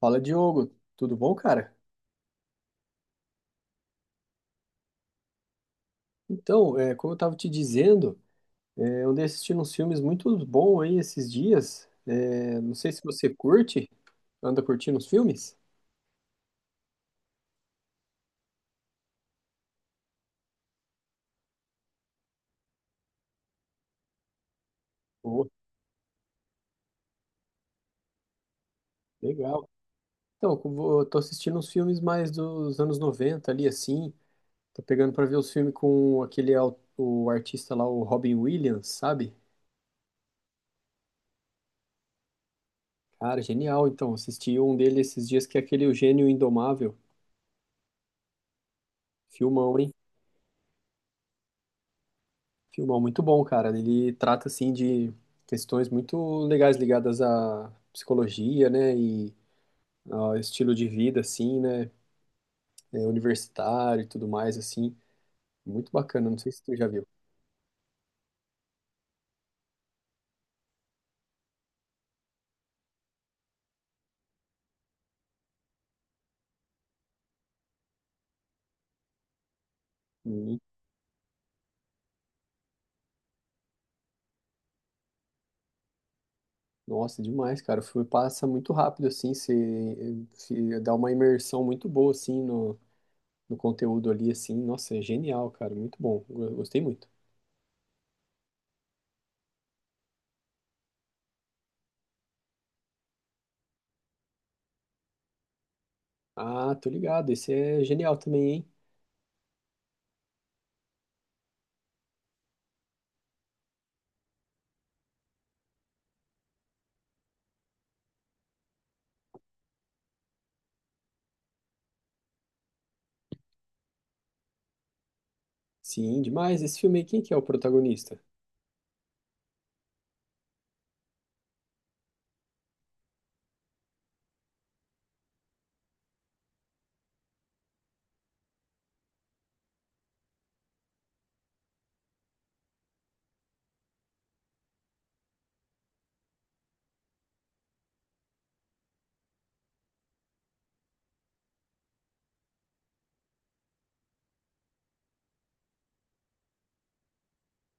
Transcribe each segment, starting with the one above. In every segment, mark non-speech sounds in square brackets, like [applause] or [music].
Fala, Diogo. Tudo bom, cara? Então, como eu estava te dizendo, eu andei assistindo uns filmes muito bons aí esses dias. Não sei se você curte, anda curtindo os filmes? Pô, legal. Então, tô assistindo uns filmes mais dos anos 90 ali, assim. Tô pegando para ver os filmes com o artista lá, o Robin Williams, sabe? Cara, genial. Então, assisti um dele esses dias que é aquele O Gênio Indomável. Filmão, hein? Filmão muito bom, cara. Ele trata assim de questões muito legais ligadas à psicologia, né, e ao estilo de vida assim, né, universitário e tudo mais assim. Muito bacana, não sei se tu já viu. Sim. Nossa, demais, cara. O filme passa muito rápido assim, você se dá uma imersão muito boa assim no conteúdo ali assim. Nossa, é genial, cara. Muito bom. Gostei muito. Ah, tô ligado. Esse é genial também, hein? Sim, demais. Esse filme aí, quem que é o protagonista?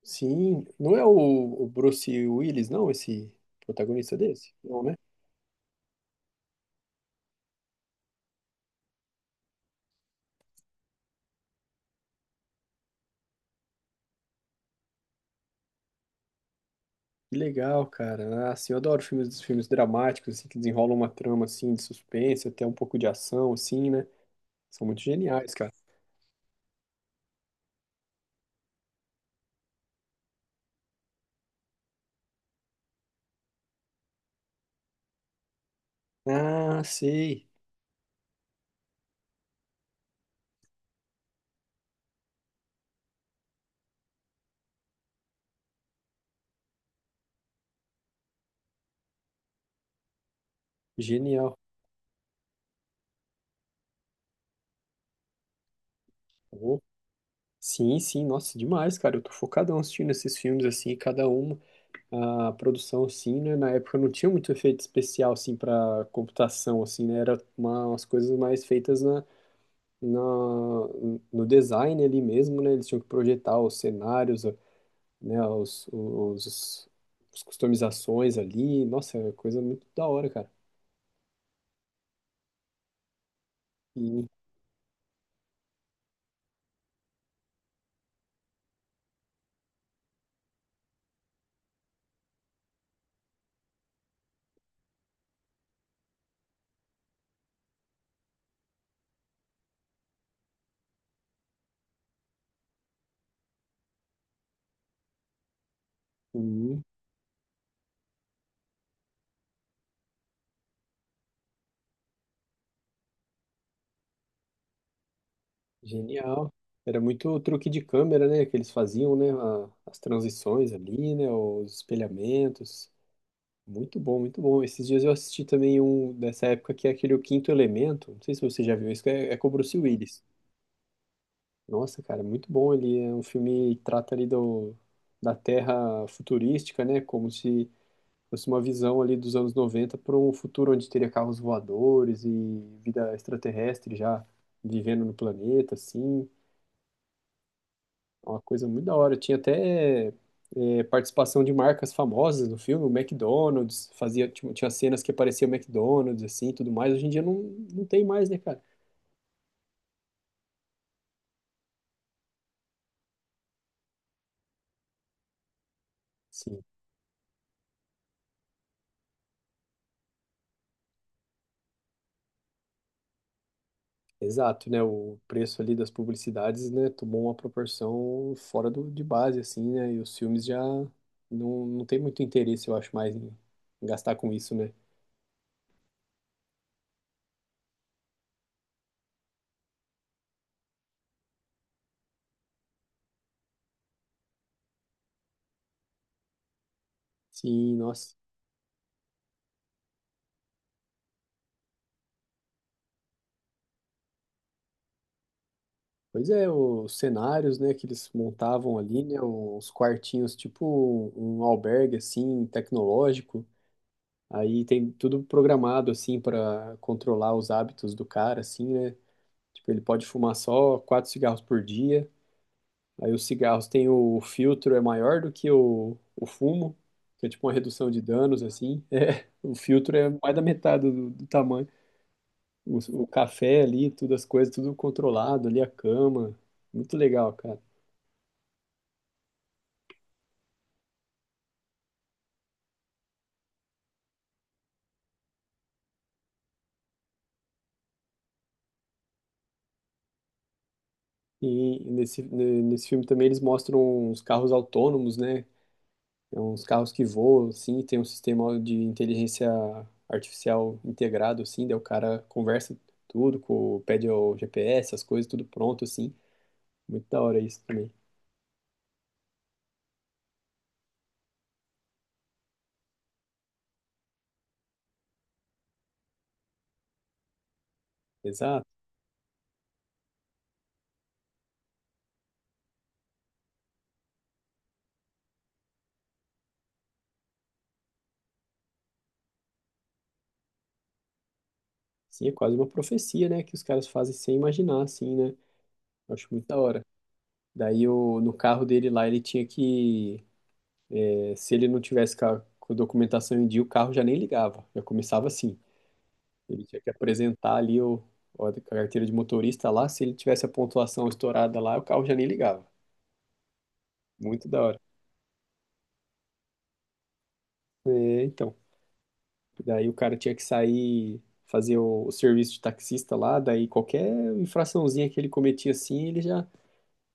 Sim, não é o Bruce Willis, não, esse protagonista desse? Não, né? Que legal, cara. Ah, assim, eu adoro filmes, filmes dramáticos, assim, que desenrolam uma trama, assim, de suspense, até um pouco de ação, assim, né? São muito geniais, cara. Ah, sei. Genial. Pô, sim, sim, nossa, demais, cara. Eu tô focadão assistindo esses filmes, assim, cada um, a produção, assim, né? Na época não tinha muito efeito especial, assim, pra computação, assim, né? Era umas coisas mais feitas na, no design ali mesmo, né? Eles tinham que projetar os cenários, né? As customizações ali. Nossa, era coisa muito da hora, cara. E, e genial. Era muito truque de câmera, né? Que eles faziam, né? As transições ali, né? Os espelhamentos. Muito bom, muito bom. Esses dias eu assisti também um dessa época que é aquele O Quinto Elemento. Não sei se você já viu isso, que é com o Bruce Willis. Nossa, cara, muito bom. Ele é um filme que trata ali da Terra futurística, né? Como se fosse uma visão ali dos anos 90 para um futuro onde teria carros voadores e vida extraterrestre já vivendo no planeta, assim. É uma coisa muito da hora. Tinha até participação de marcas famosas no filme, o McDonald's, fazia, tinha cenas que aparecia o McDonald's, assim, tudo mais. Hoje em dia não tem mais, né, cara? Sim. Exato, né? O preço ali das publicidades, né, tomou uma proporção fora de base, assim, né? E os filmes já não tem muito interesse, eu acho, mais em gastar com isso, né? Sim, nossa. Pois é, os cenários, né, que eles montavam ali, né? Os quartinhos, tipo um albergue, assim, tecnológico. Aí tem tudo programado, assim, para controlar os hábitos do cara, assim, né? Tipo, ele pode fumar só quatro cigarros por dia. Aí os cigarros têm o filtro é maior do que o fumo, que é tipo uma redução de danos, assim. [laughs] É, o filtro é mais da metade do tamanho. O café ali, tudo as coisas, tudo controlado ali, a cama. Muito legal, cara. E nesse filme também eles mostram uns carros autônomos, né? É uns carros que voam, assim, tem um sistema de inteligência artificial integrado, assim, daí o cara conversa tudo, com, pede o GPS, as coisas, tudo pronto, assim. Muito da hora isso também. Exato. Sim, é quase uma profecia, né? Que os caras fazem sem imaginar, assim, né? Eu acho muito da hora. Daí, no carro dele lá, ele tinha que... Se ele não tivesse com com a documentação em dia, o carro já nem ligava. Já começava assim. Ele tinha que apresentar ali a carteira de motorista lá. Se ele tivesse a pontuação estourada lá, o carro já nem ligava. Muito da hora. É, então. Daí, o cara tinha que sair... Fazer o serviço de taxista lá, daí qualquer infraçãozinha que ele cometia assim, ele já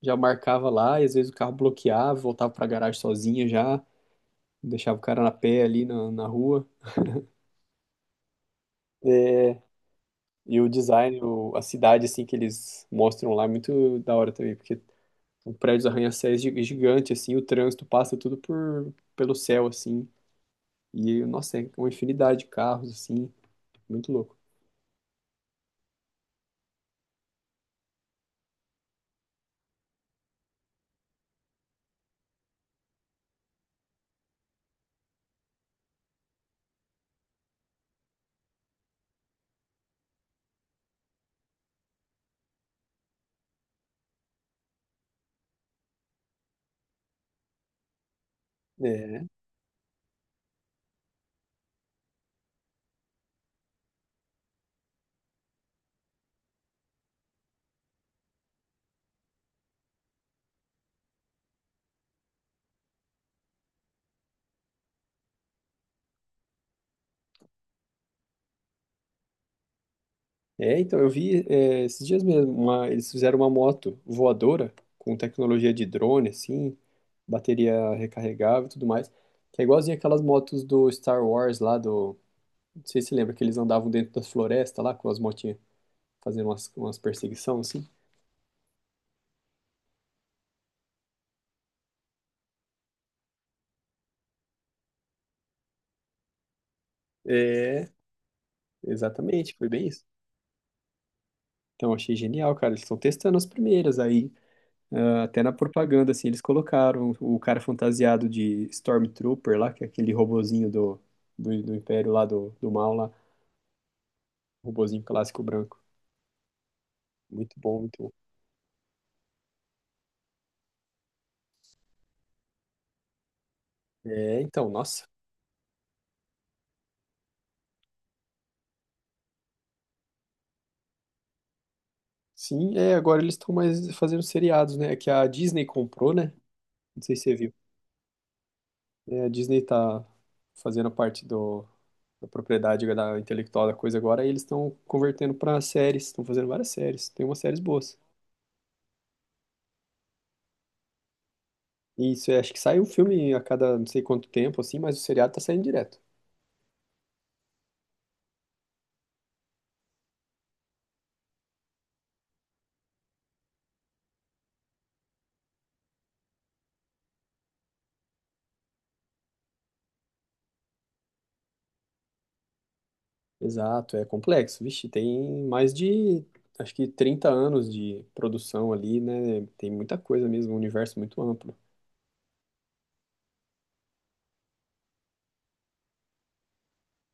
já marcava lá, e às vezes o carro bloqueava, voltava pra garagem sozinha já, deixava o cara na pé ali na rua. E o design, a cidade, assim, que eles mostram lá é muito da hora também, porque o prédio dos arranha-céus é gigante, assim, o trânsito passa tudo pelo céu, assim. E, nossa, é uma infinidade de carros, assim, muito louco. É, então, eu vi esses dias mesmo, eles fizeram uma moto voadora com tecnologia de drone, assim, bateria recarregável e tudo mais, que é igualzinho aquelas motos do Star Wars lá do, não sei se você lembra que eles andavam dentro da floresta lá com as motinhas fazendo umas, umas perseguição assim. É, exatamente, foi bem isso. Então achei genial, cara, eles estão testando as primeiras aí, ah, até na propaganda assim, eles colocaram o cara fantasiado de Stormtrooper lá, que é aquele robozinho do, do Império lá do Mal lá, robozinho clássico branco. Muito bom, muito bom. É, então, nossa, sim, é, agora eles estão mais fazendo seriados, né? É que a Disney comprou, né? Não sei se você viu. É, a Disney tá fazendo parte da propriedade da intelectual da coisa agora, e eles estão convertendo para séries, estão fazendo várias séries, tem umas séries boas. E isso, é, acho que sai um filme a cada não sei quanto tempo, assim, mas o seriado tá saindo direto. Exato, é complexo. Vixe, tem mais de, acho que 30 anos de produção ali, né? Tem muita coisa mesmo, um universo muito amplo.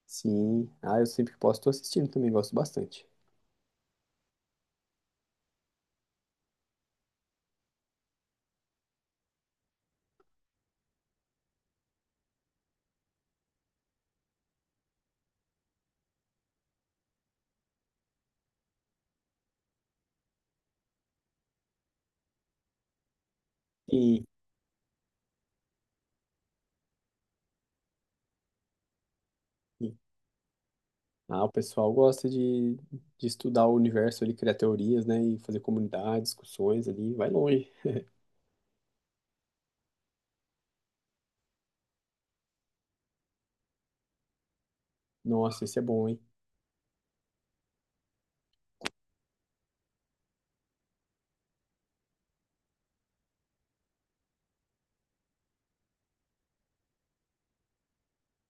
Sim, ah, eu sempre que posso tô assistindo também, gosto bastante. E, e- ah, o pessoal gosta de estudar o universo, ele criar teorias, né? E fazer comunidade, discussões ali, vai longe. Nossa, esse é bom, hein?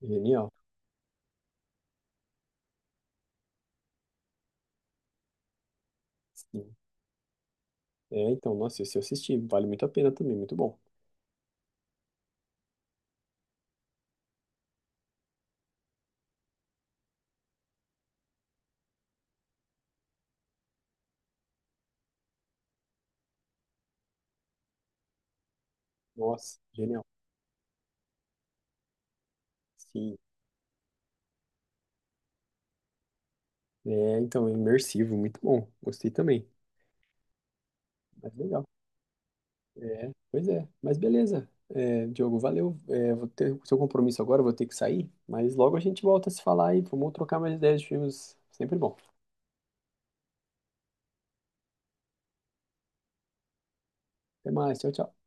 Genial. Sim. É, então, nossa, esse eu assisti, vale muito a pena também, muito bom. Nossa, genial. Sim. É, então, é imersivo, muito bom. Gostei também. Mas legal. É, pois é. Mas beleza. É, Diogo, valeu. É, vou ter o seu compromisso agora, vou ter que sair, mas logo a gente volta a se falar aí. Vamos trocar mais ideias de filmes. Sempre bom. Até mais, tchau, tchau.